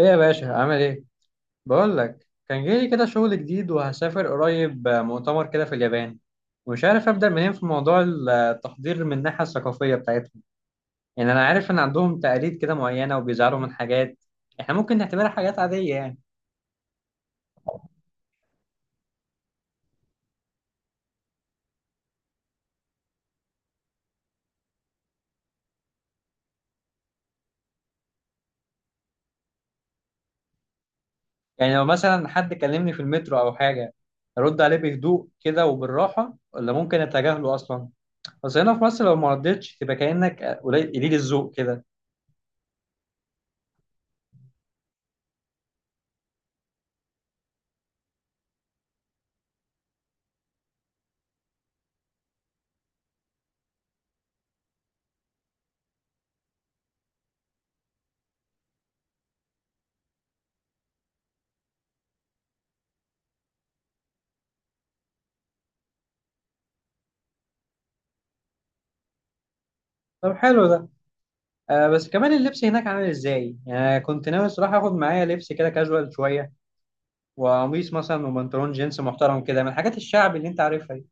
ايه يا باشا، عامل ايه؟ بقول لك، كان جاي لي كده شغل جديد وهسافر قريب، مؤتمر كده في اليابان. ومش عارف ابدا منين في موضوع التحضير من الناحيه الثقافيه بتاعتهم. يعني انا عارف ان عندهم تقاليد كده معينه وبيزعلوا من حاجات احنا ممكن نعتبرها حاجات عاديه يعني. يعني لو مثلا حد كلمني في المترو او حاجه، ارد عليه بهدوء كده وبالراحه، ولا ممكن اتجاهله اصلا؟ بس هنا في مصر لو ما ردتش تبقى كانك قليل قليل الذوق كده. طب، حلو ده. آه، بس كمان اللبس هناك عامل ازاي؟ يعني كنت ناوي الصراحة اخد معايا لبس كده كاجوال شوية، وقميص مثلا وبنطلون جينز محترم كده، من الحاجات الشعبي اللي انت عارفها دي.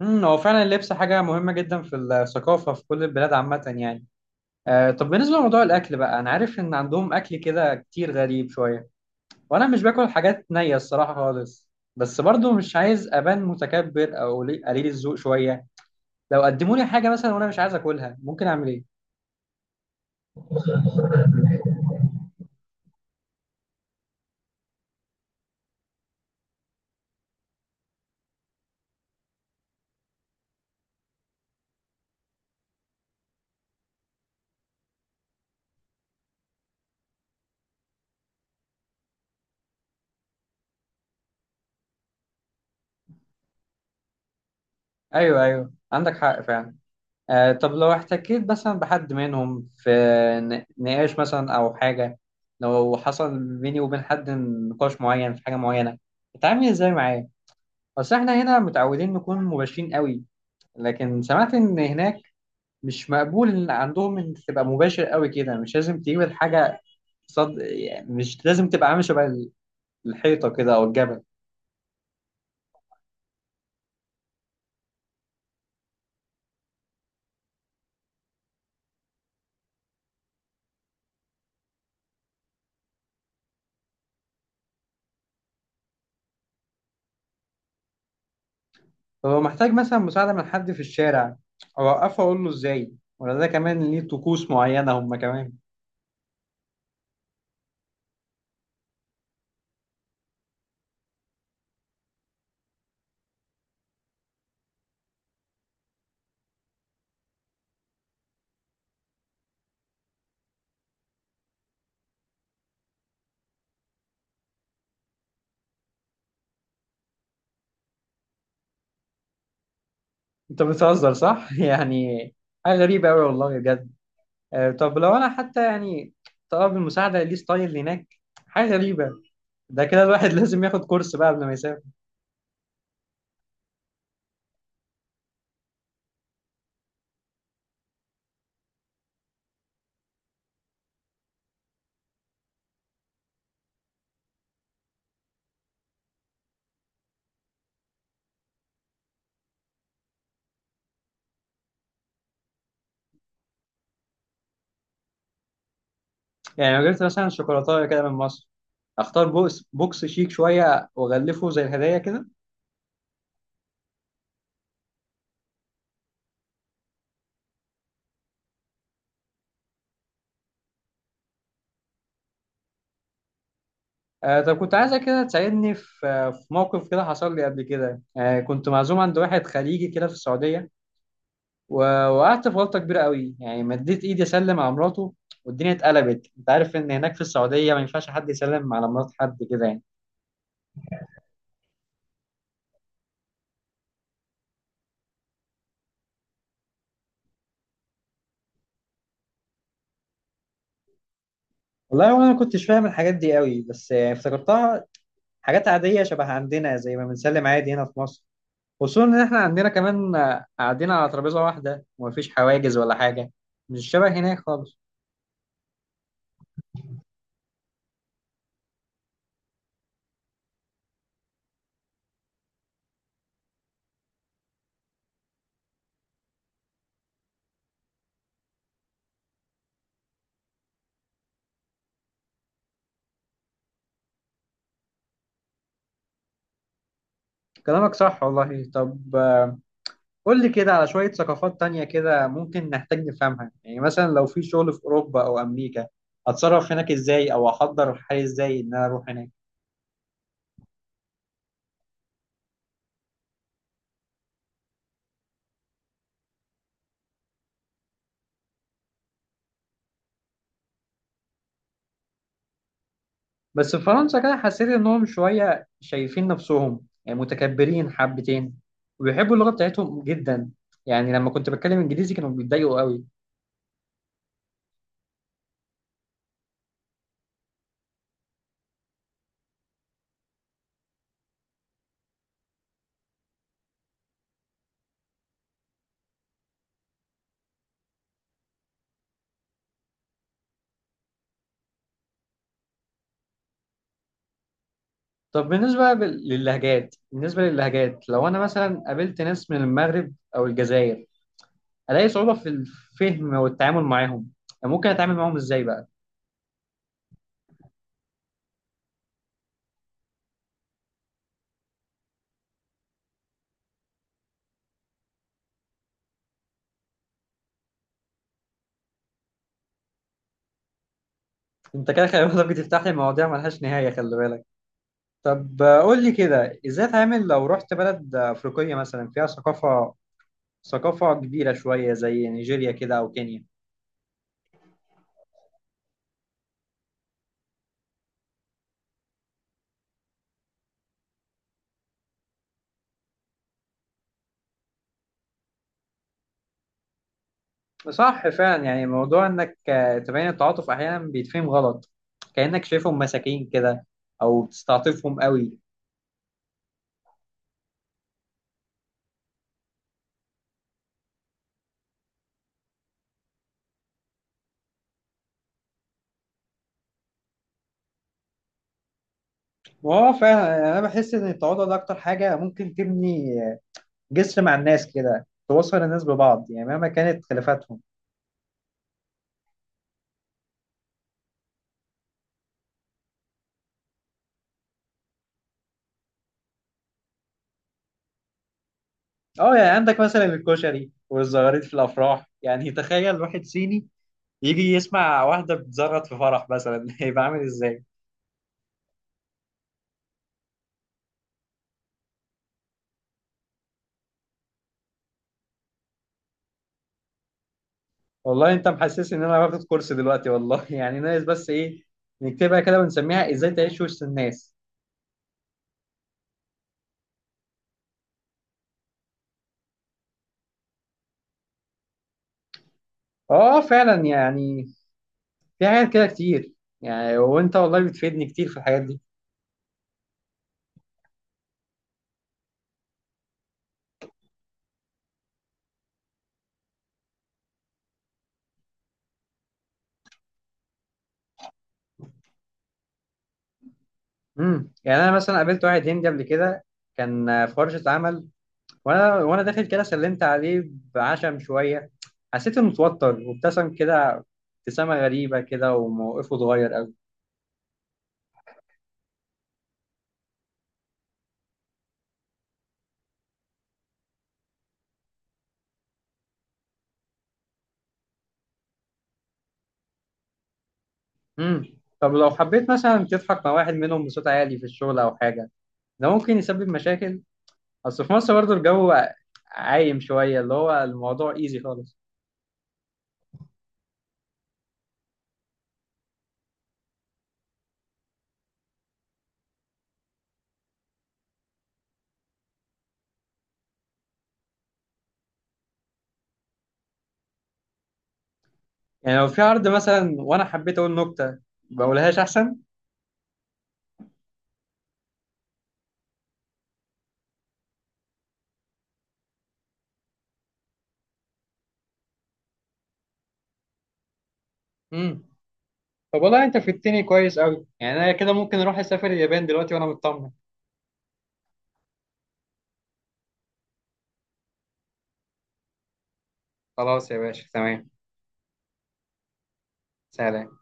هو فعلا اللبس حاجة مهمة جدا في الثقافة في كل البلاد عامة يعني. آه، طب بالنسبة لموضوع الأكل بقى، أنا عارف إن عندهم أكل كده كتير غريب شوية، وأنا مش باكل حاجات نية الصراحة خالص. بس برضو مش عايز أبان متكبر أو قليل قليل الذوق شوية. لو قدموا لي حاجة مثلا وأنا مش عايز أكلها، ممكن أعمل إيه؟ أيوه، أيوه، عندك حق فعلا. آه، طب لو احتكيت مثلا بحد منهم في نقاش مثلا أو حاجة، لو حصل بيني وبين حد نقاش معين في حاجة معينة، بتعامل ازاي معاه؟ أصل احنا هنا متعودين نكون مباشرين قوي، لكن سمعت إن هناك مش مقبول إن عندهم إن تبقى مباشر قوي كده، مش لازم تجيب الحاجة صد يعني، مش لازم تبقى عامل شبه الحيطة كده أو الجبل. فهو محتاج مثلا مساعدة من حد في الشارع، أوقفه أقول له ازاي؟ ولا ده كمان ليه طقوس معينة هما كمان؟ انت بتهزر صح؟ يعني حاجة غريبة أوي والله بجد. آه، طب لو أنا حتى يعني طلب المساعدة ليه ستايل هناك، حاجة غريبة. ده كده الواحد لازم ياخد كورس بقى قبل ما يسافر. يعني لو جبت مثلا شوكولاتة كده من مصر، أختار بوكس شيك شوية وأغلفه زي الهدايا كده. آه، طب كنت عايزك كده تساعدني في موقف كده حصل لي قبل كده. آه، كنت معزوم عند واحد خليجي كده في السعودية، ووقعت في غلطه كبيره قوي، يعني مديت ايدي اسلم على مراته والدنيا اتقلبت. انت عارف ان هناك في السعوديه ما ينفعش حد يسلم على مرات حد كده يعني. والله وانا ما كنتش فاهم الحاجات دي قوي، بس يعني افتكرتها حاجات عاديه شبه عندنا، زي ما بنسلم عادي هنا في مصر. خصوصا ان احنا عندنا كمان، قاعدين على ترابيزه واحده ومفيش حواجز ولا حاجه. مش شبه هناك خالص. كلامك صح والله. طب قول لي كده على شوية ثقافات تانية كده ممكن نحتاج نفهمها، يعني مثلا لو في شغل في أوروبا أو أمريكا، أتصرف هناك إزاي أو أحضر حالي إزاي إن أنا أروح هناك؟ بس في فرنسا كده حسيت إنهم شوية شايفين نفسهم، يعني متكبرين حبتين، وبيحبوا اللغة بتاعتهم جدا. يعني لما كنت بتكلم إنجليزي كانوا بيتضايقوا قوي. طب بالنسبة بال- للهجات بالنسبة للهجات، لو أنا مثلا قابلت ناس من المغرب أو الجزائر، ألاقي صعوبة في الفهم والتعامل معاهم. يعني ممكن أتعامل معاهم إزاي بقى؟ انت كده خلي بالك بتفتح لي مواضيع ملهاش نهاية، خلي بالك. طب، قول لي كده ازاي اتعامل لو رحت بلد افريقية مثلا فيها ثقافة كبيرة شوية زي نيجيريا كده او كينيا. صح فعلا. يعني موضوع انك تبين التعاطف احيانا بيتفهم غلط، كأنك شايفهم مساكين كده، او بتستعطفهم قوي. وهو فعلا، يعني انا بحس ان التعاطف ده اكتر حاجة ممكن تبني جسر مع الناس كده، توصل الناس ببعض يعني، مهما كانت خلافاتهم. اه، يعني عندك مثلا الكشري والزغاريد في الافراح، يعني تخيل واحد صيني يجي يسمع واحده بتزغط في فرح مثلا هيبقى عامل ازاي. والله انت محسس ان انا واخد كورس دلوقتي والله يعني، ناقص بس ايه، نكتبها كده ونسميها ازاي تعيش وسط الناس. اه، فعلا. يعني في حاجات كده كتير، يعني وانت والله بتفيدني كتير في الحاجات دي. يعني انا مثلا قابلت واحد هندي قبل كده، كان في ورشه عمل، وانا داخل كده سلمت عليه بعشم شويه. حسيت انه متوتر وابتسم كده، ابتسامه غريبه كده، وموقفه اتغير قوي. طب لو حبيت مثلا تضحك مع واحد منهم بصوت عالي في الشغل او حاجه، ده ممكن يسبب مشاكل. اصل في مصر برضه الجو عايم شويه، اللي هو الموضوع ايزي خالص. يعني لو في عرض مثلا وانا حبيت اقول نكته، بقولهاش احسن. امم طب والله انت فدتني كويس قوي، يعني انا كده ممكن اروح اسافر اليابان دلوقتي وانا مطمن. خلاص يا باشا، تمام. سلام.